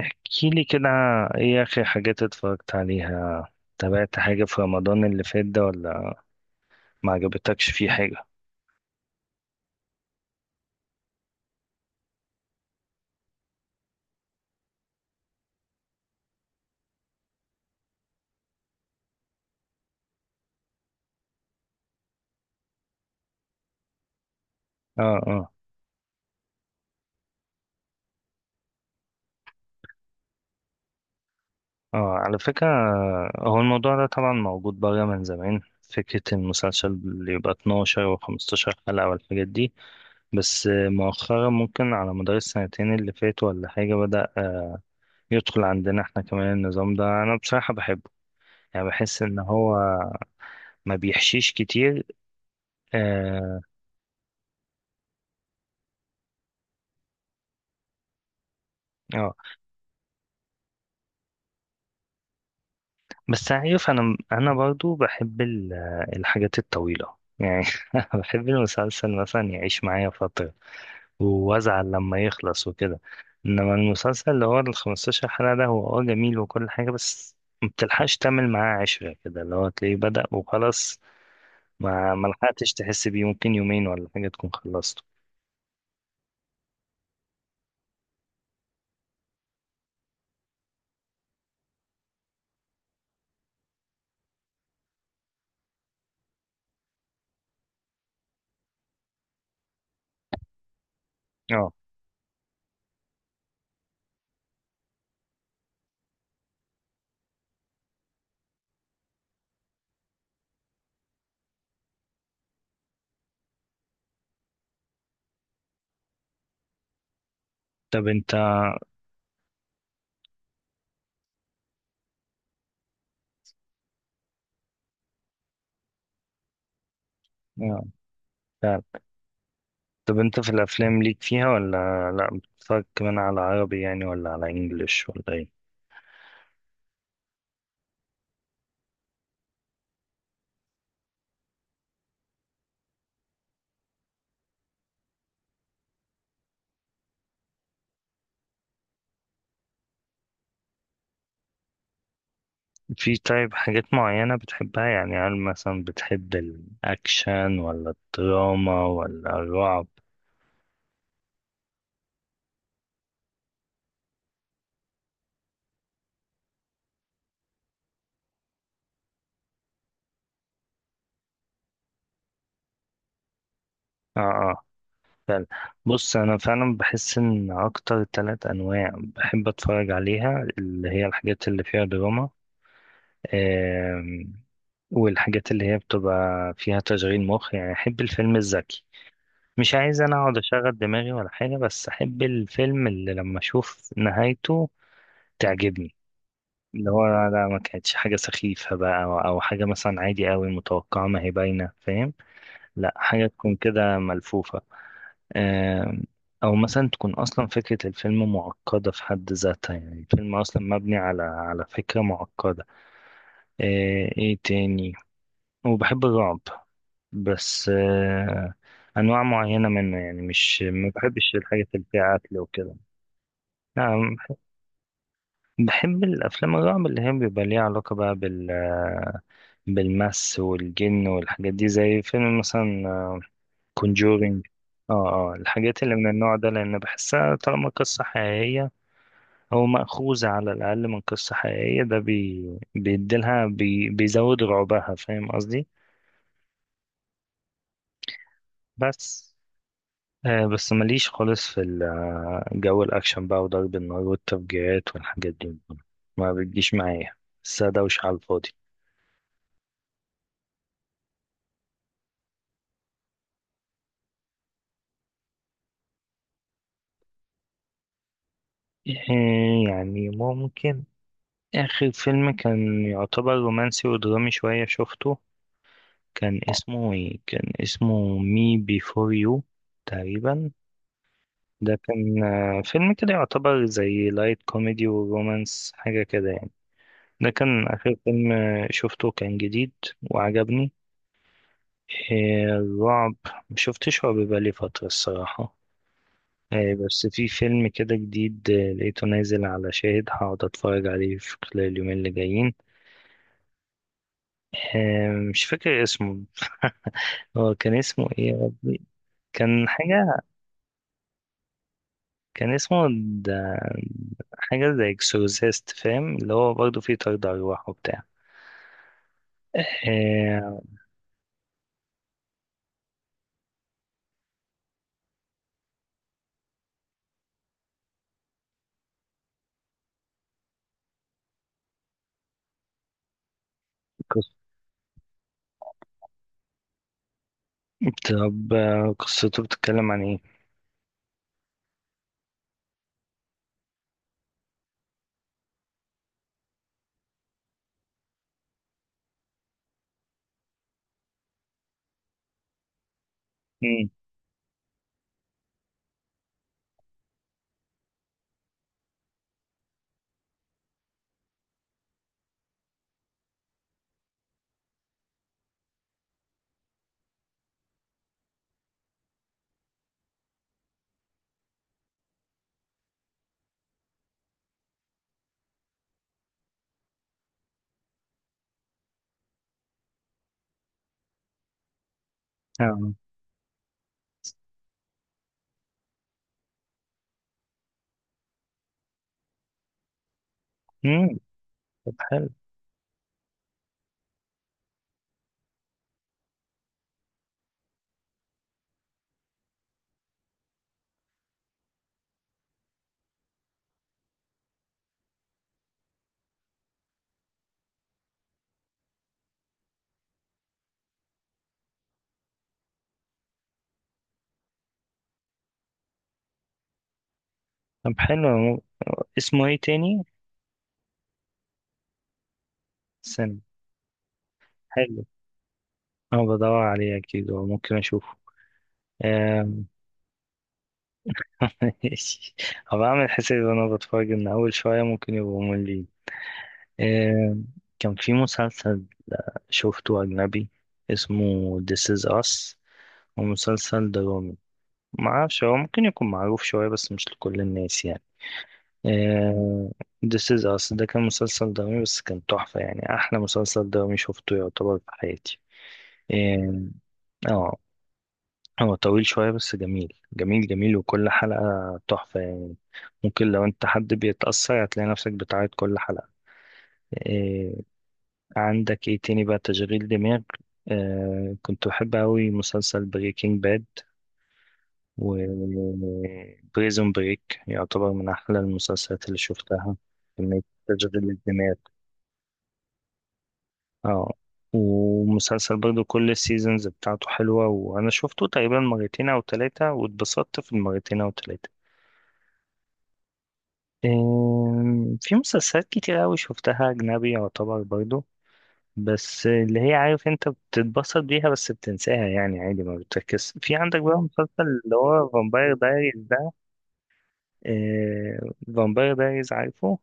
احكي لي كده. ايه اخر حاجات اتفرجت عليها؟ تابعت حاجة في رمضان اللي فات ده ولا ما عجبتكش فيه حاجة؟ اه، اه، اه، على فكرة، هو الموضوع ده طبعا موجود بره من زمان، فكرة المسلسل اللي يبقى 12 و15 حلقة والحاجات دي. بس مؤخرا ممكن على مدار السنتين اللي فاتوا ولا حاجة بدأ يدخل عندنا احنا كمان النظام ده. أنا بصراحة بحبه، يعني بحس إن هو ما بيحشيش كتير. اه، آه. بس عارف، انا برضو بحب الحاجات الطويله يعني. بحب المسلسل مثلا يعيش معايا فتره وازعل لما يخلص وكده. انما المسلسل اللي هو ال 15 حلقه ده هو اه جميل وكل حاجه، بس ما بتلحقش تعمل معاه عشره، كده اللي هو تلاقيه بدأ وخلاص. ما لحقتش تحس بيه، ممكن يومين ولا حاجه تكون خلصته. اه. طب انت، اه، فعلا. طب انت في الافلام ليك فيها ولا لا؟ بتتفرج كمان على عربي يعني ولا على انجليش ولا ايه؟ في، طيب، حاجات معينة بتحبها يعني؟ هل مثلا بتحب الأكشن ولا الدراما ولا الرعب؟ اه، اه، فعلا. بص، أنا فعلا بحس إن أكتر تلات أنواع بحب أتفرج عليها اللي هي الحاجات اللي فيها دراما، آم، والحاجات اللي هي بتبقى فيها تشغيل مخ، يعني أحب الفيلم الذكي. مش عايز أنا أقعد أشغل دماغي ولا حاجة، بس أحب الفيلم اللي لما أشوف نهايته تعجبني. اللي هو لا، ما كانتش حاجة سخيفة بقى، أو حاجة مثلا عادي قوي متوقعة ما هي باينة فاهم. لا، حاجة تكون كده ملفوفة. آم، أو مثلا تكون أصلا فكرة الفيلم معقدة في حد ذاتها، يعني الفيلم أصلا مبني على فكرة معقدة. إيه تاني؟ وبحب الرعب بس أنواع معينة منه، يعني مش، ما بحبش الحاجات اللي فيها قتل وكده. نعم. بحب الأفلام الرعب اللي هي بيبقى ليها علاقة بقى بالمس والجن والحاجات دي، زي فيلم مثلا كونجورينج. اه، اه، الحاجات اللي من النوع ده، لأن بحسها طالما قصة حقيقية أو مأخوذة على الأقل من قصة حقيقية، ده بيديلها، بيزود رعبها، فاهم قصدي. بس بس ماليش خالص في جو الأكشن بقى وضرب النار والتفجيرات والحاجات دي. ما بتجيش معايا، بس دوشة على الفاضي. آه، يعني ممكن آخر فيلم كان يعتبر رومانسي ودرامي شوية شفته، كان اسمه إيه؟ كان اسمه مي بيفور يو تقريبا. ده كان فيلم كده يعتبر زي لايت كوميدي ورومانس، حاجة كده يعني. ده كان آخر فيلم شفته كان جديد وعجبني. الرعب، مشفتش رعب بقالي فترة الصراحة. بس في فيلم كده جديد لقيته نازل على شاهد، هقعد اتفرج عليه في خلال اليومين اللي جايين. مش فاكر اسمه. هو كان اسمه ايه يا ربي؟ كان حاجة، كان اسمه، ده حاجة زي اكسورسيست، فاهم اللي هو برضه فيه طرد أرواح وبتاع. آه. قص- طب قصته بتتكلم عن ايه؟ مم. آه. مم. طب حلو. طب حلو، اسمه ايه تاني؟ استنى. حلو، انا بدور عليه اكيد وممكن اشوفه آه، ماشي. هبقى اعمل حسابي وانا بتفرج ان اول شوية ممكن يبقوا مملين. آه، كان في مسلسل شفته أجنبي اسمه This is Us. هو مسلسل درامي، معرفش هو ممكن يكون معروف شوية بس مش لكل الناس يعني. آه، This is Us ده كان مسلسل درامي بس كان تحفة، يعني أحلى مسلسل درامي شفته يعتبر في حياتي. اه. آه، هو طويل شوية بس جميل جميل جميل، وكل حلقة تحفة يعني. ممكن لو انت حد بيتأثر هتلاقي نفسك بتعيط كل حلقة. آه، عندك ايه تاني بقى؟ تشغيل دماغ، آه، كنت بحب أوي مسلسل بريكنج باد، و بريزون بريك يعتبر من أحلى المسلسلات اللي شفتها، كمية تشغيل الدماغ. اه. ومسلسل برضو كل السيزونز بتاعته حلوة، وأنا شفته تقريبا مرتين أو تلاتة واتبسطت في المرتين أو تلاتة. في مسلسلات كتير أوي شفتها أجنبي يعتبر برضو، بس اللي هي عارف انت بتتبسط بيها بس بتنساها يعني عادي، ما بتركز. في عندك بقى مسلسل اللي هو فامباير دايريز ده. آه، فامباير دايريز، عارفه،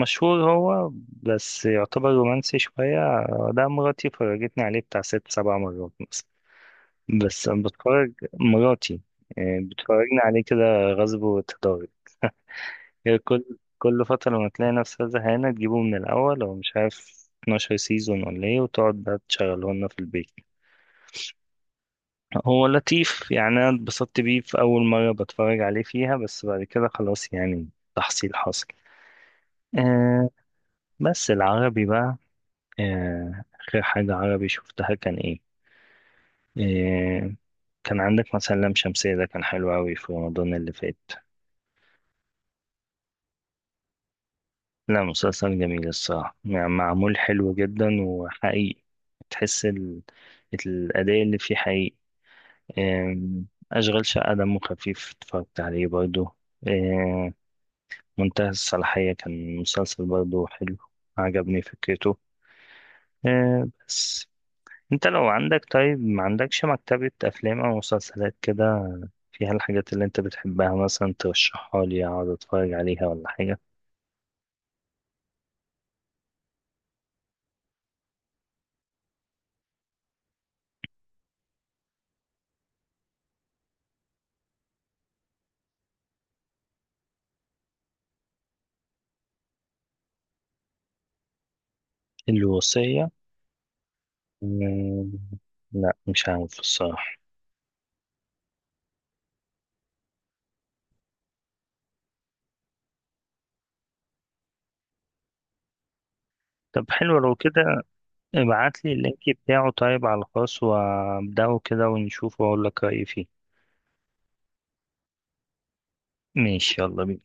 مشهور هو. بس يعتبر رومانسي شوية ده مراتي فرجتني عليه بتاع ست سبع مرات مثلا. بس أنا بتفرج، مراتي آه بتفرجني عليه كده غصب وتداري. هي كل، كل فترة لما تلاقي نفسها زهقانة تجيبه من الأول أو مش عارف 12 سيزون ولا ايه، وتقعد بقى تشغله لنا في البيت. هو لطيف يعني، انا اتبسطت بيه في اول مره بتفرج عليه فيها، بس بعد كده خلاص يعني تحصيل حاصل. آه. بس العربي بقى، آه، اخر حاجه عربي شفتها كان ايه، آه، كان عندك مثلا لام شمسية، ده كان حلو أوي في رمضان اللي فات. لا مسلسل جميل الصراحة يعني، معمول حلو جدا وحقيقي، تحس ال... الأداء اللي فيه حقيقي. آم، أشغال شقة دمه خفيف، اتفرجت عليه برضه. آه، منتهى الصلاحية كان مسلسل برضه حلو، عجبني فكرته. آه. بس انت لو عندك، طيب ما عندكش مكتبة أفلام أو مسلسلات كده فيها الحاجات اللي انت بتحبها مثلا، ترشحها لي أقعد أتفرج عليها ولا حاجة؟ الوصية. آه، لا مش عارف الصراحة. طب حلو لو كده، ابعت لي اللينك بتاعه طيب على الخاص وابدأه كده ونشوفه وأقول لك رأيي فيه. ماشي، يلا بينا.